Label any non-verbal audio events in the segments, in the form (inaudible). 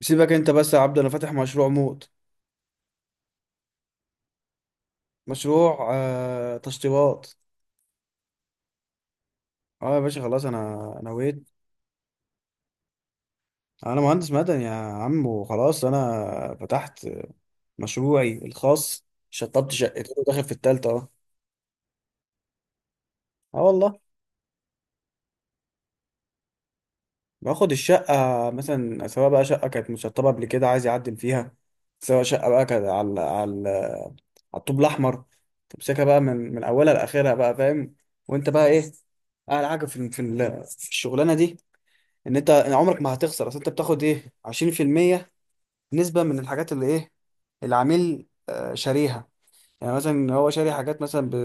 سيبك انت بس يا عبد، انا فاتح مشروع موت. مشروع تشطيبات. اه يا باشا، خلاص انا نويت. انا مهندس مدني يا عم، وخلاص انا فتحت مشروعي الخاص. شطبت شقتين وداخل في التالتة اه. اه والله. باخد الشقة مثلا، سواء بقى شقة كانت مشطبة قبل كده عايز يعدل فيها، سواء شقة بقى كانت على على الطوب الأحمر. تمسكها بقى من أولها لآخرها بقى، فاهم؟ وأنت بقى إيه، أعلى حاجة في في الشغلانة دي، انت عمرك ما هتخسر. اصل انت بتاخد ايه، 20% نسبة من الحاجات اللي ايه، العميل شاريها. يعني مثلا هو شاري حاجات مثلا ب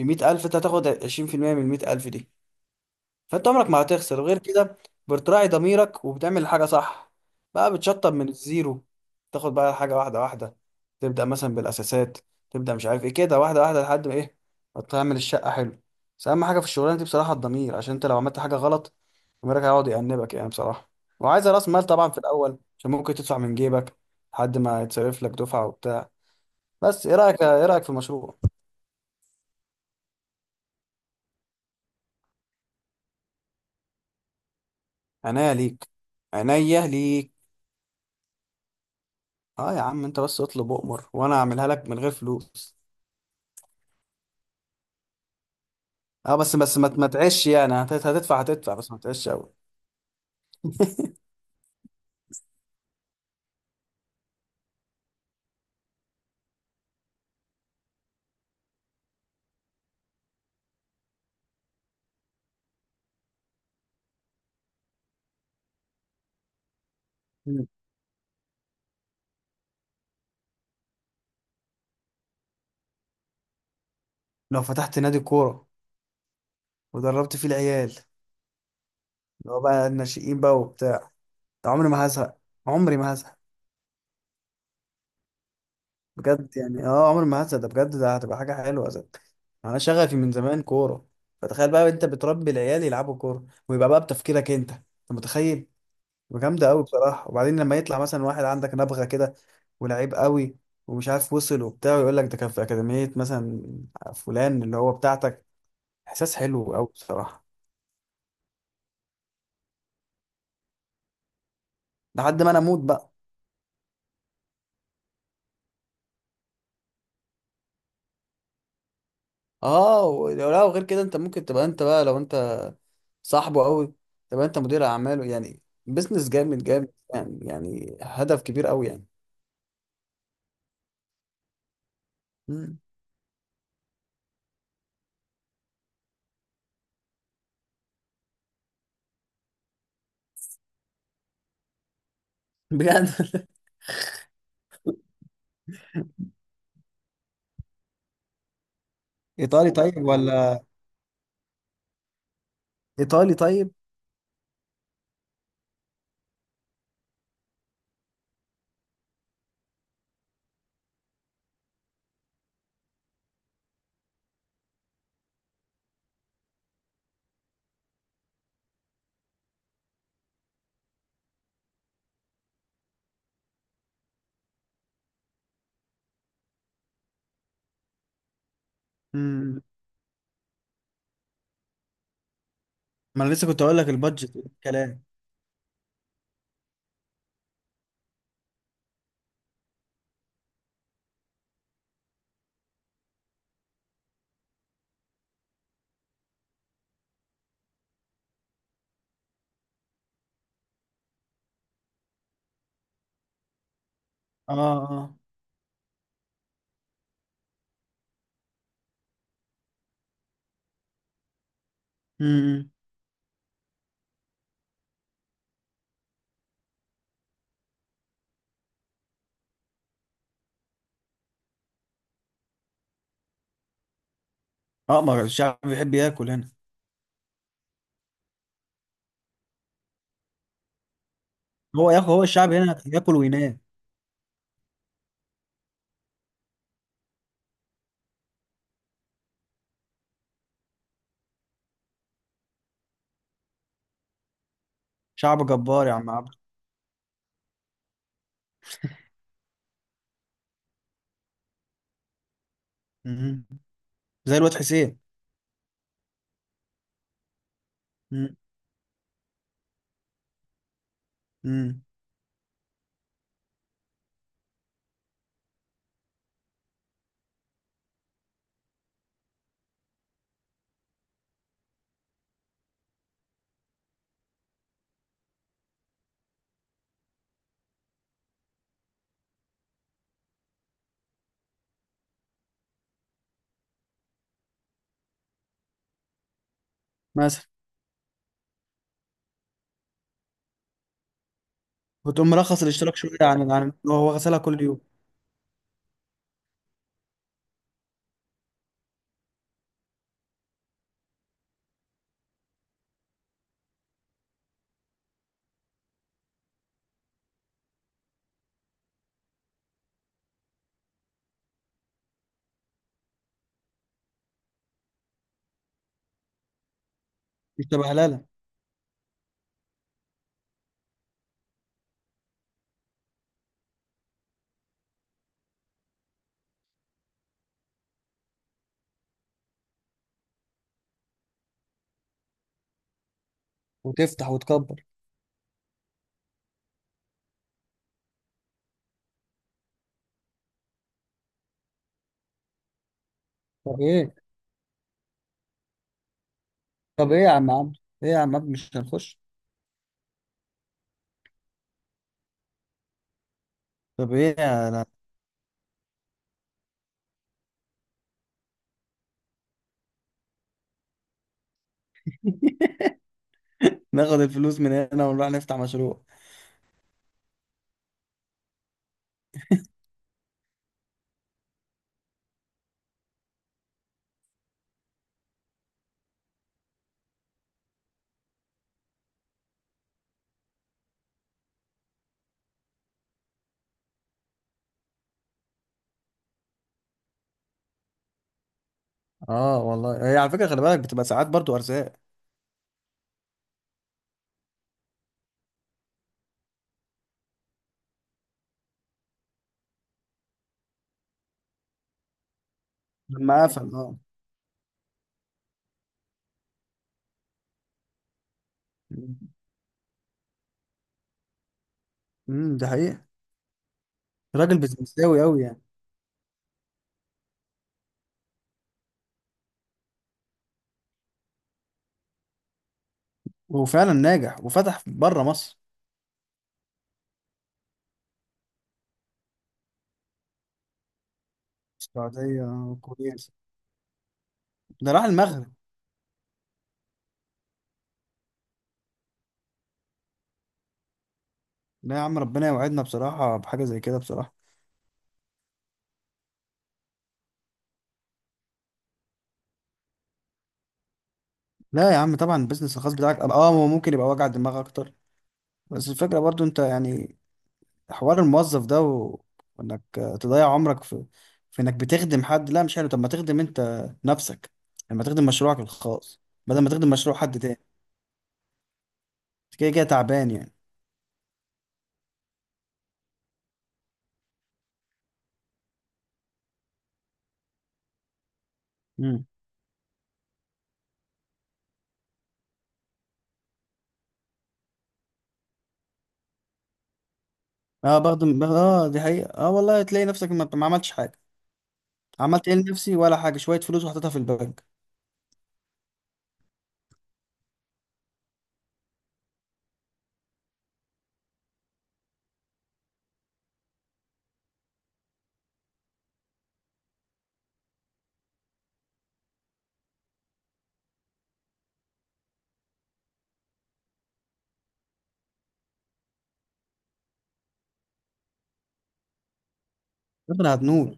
100,000، انت هتاخد 20% من 100,000 دي. فانت عمرك ما هتخسر غير كده. بتراعي ضميرك وبتعمل الحاجه صح. بقى بتشطب من الزيرو، تاخد بقى حاجه واحده واحده. تبدا مثلا بالاساسات، تبدا مش عارف ايه كده، واحده واحده لحد ما ايه، ما تعمل الشقه حلو. بس اهم حاجه في الشغلانه دي بصراحه الضمير، عشان انت لو عملت حاجه غلط ضميرك هيقعد يأنبك يعني بصراحه. وعايزه راس مال طبعا في الاول، عشان ممكن تدفع من جيبك لحد ما يتصرف لك دفعه وبتاع. بس ايه رايك، ايه رايك في المشروع؟ عينيا ليك. عينيا ليك. اه يا عم، انت بس اطلب اؤمر وانا اعملها لك من غير فلوس. اه بس بس ما تعيش يعني، هتدفع هتدفع بس ما تعيش قوي. مم. لو فتحت نادي كوره ودربت فيه العيال، اللي هو بقى الناشئين بقى وبتاع، ده عمري ما هزهق. عمري ما هزهق. بجد يعني اه، عمري ما هزهق ده، بجد ده هتبقى حاجه حلوه ده. انا شغفي من زمان كوره. فتخيل بقى انت بتربي العيال يلعبوا كوره، ويبقى بقى بتفكيرك انت، انت متخيل؟ جامده قوي بصراحه. وبعدين لما يطلع مثلا واحد عندك نبغه كده، ولعيب قوي، ومش عارف وصل وبتاع، ويقول لك ده كان في اكاديميه مثلا فلان اللي هو بتاعتك، احساس حلو قوي بصراحه. لحد ما انا اموت بقى. اه ولو لا، وغير كده انت ممكن تبقى انت بقى، لو انت صاحبه قوي تبقى انت مدير اعماله، يعني بزنس جامد جامد يعني، يعني هدف كبير قوي يعني. مم. بجد (laughs) ايطالي طيب، ولا؟ ايطالي طيب. مم. ما انا لسه كنت اقول لك البادجت كلام. اه. اه. مم. اه، ما الشعب بيحب ياكل هنا. هو ياكل هو الشعب هنا ياكل وينام. شعب جبار يا عم عبد. مم. زي الواد حسين. مم. مم. مثلا وتقوم مرخص الاشتراك شويه عن هو غسلها كل يوم. مش تبقى هلاله. وتفتح وتكبر. طب ايه، طب ايه يا عم عبد؟ ايه يا عم عبد، مش هنخش؟ طب ايه يا لا. ناخد الفلوس من هنا ونروح نفتح مشروع. اه والله، هي على فكره خلي بالك بتبقى ساعات برضو ارزاق. لما قفل اه. ده حقيقه. راجل بزنساوي قوي يعني. وفعلا ناجح، وفتح بره مصر. السعودية آه، كويس. ده راح المغرب. لا يا عم، ربنا يوعدنا بصراحة بحاجة زي كده بصراحة. لا يا عم طبعا، البيزنس الخاص بتاعك اه هو ممكن يبقى وجع دماغ اكتر، بس الفكرة برضو انت يعني، حوار الموظف ده وانك تضيع عمرك في، في انك بتخدم حد، لا مش حلو. طب ما تخدم انت نفسك، لما تخدم مشروعك الخاص بدل ما تخدم مشروع حد تاني. أنت كده كده تعبان يعني. امم. اه، اه دي حقيقة، اه والله تلاقي نفسك ما عملتش حاجة. عملت ايه لنفسي؟ ولا حاجة، شوية فلوس وحطيتها في البنك. ربنا هتنور.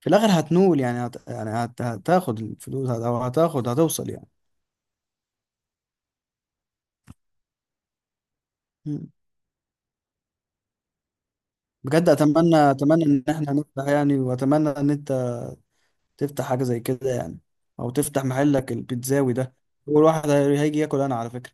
في الاخر هتنول يعني، يعني هتاخد الفلوس، او هتاخد، هتوصل يعني. مم. بجد اتمنى، اتمنى ان احنا نفتح يعني، واتمنى ان انت تفتح حاجه زي كده يعني، او تفتح محلك البيتزاوي ده. اول واحد هيجي ياكل انا على فكره.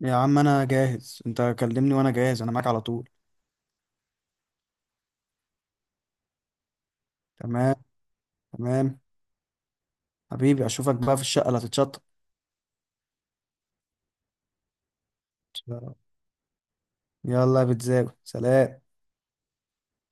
يا عم انا جاهز، انت كلمني وانا جاهز، انا معاك على طول. تمام. تمام. حبيبي، اشوفك بقى في الشقه اللي هتتشطب. يلا يا بيتزاوي، سلام.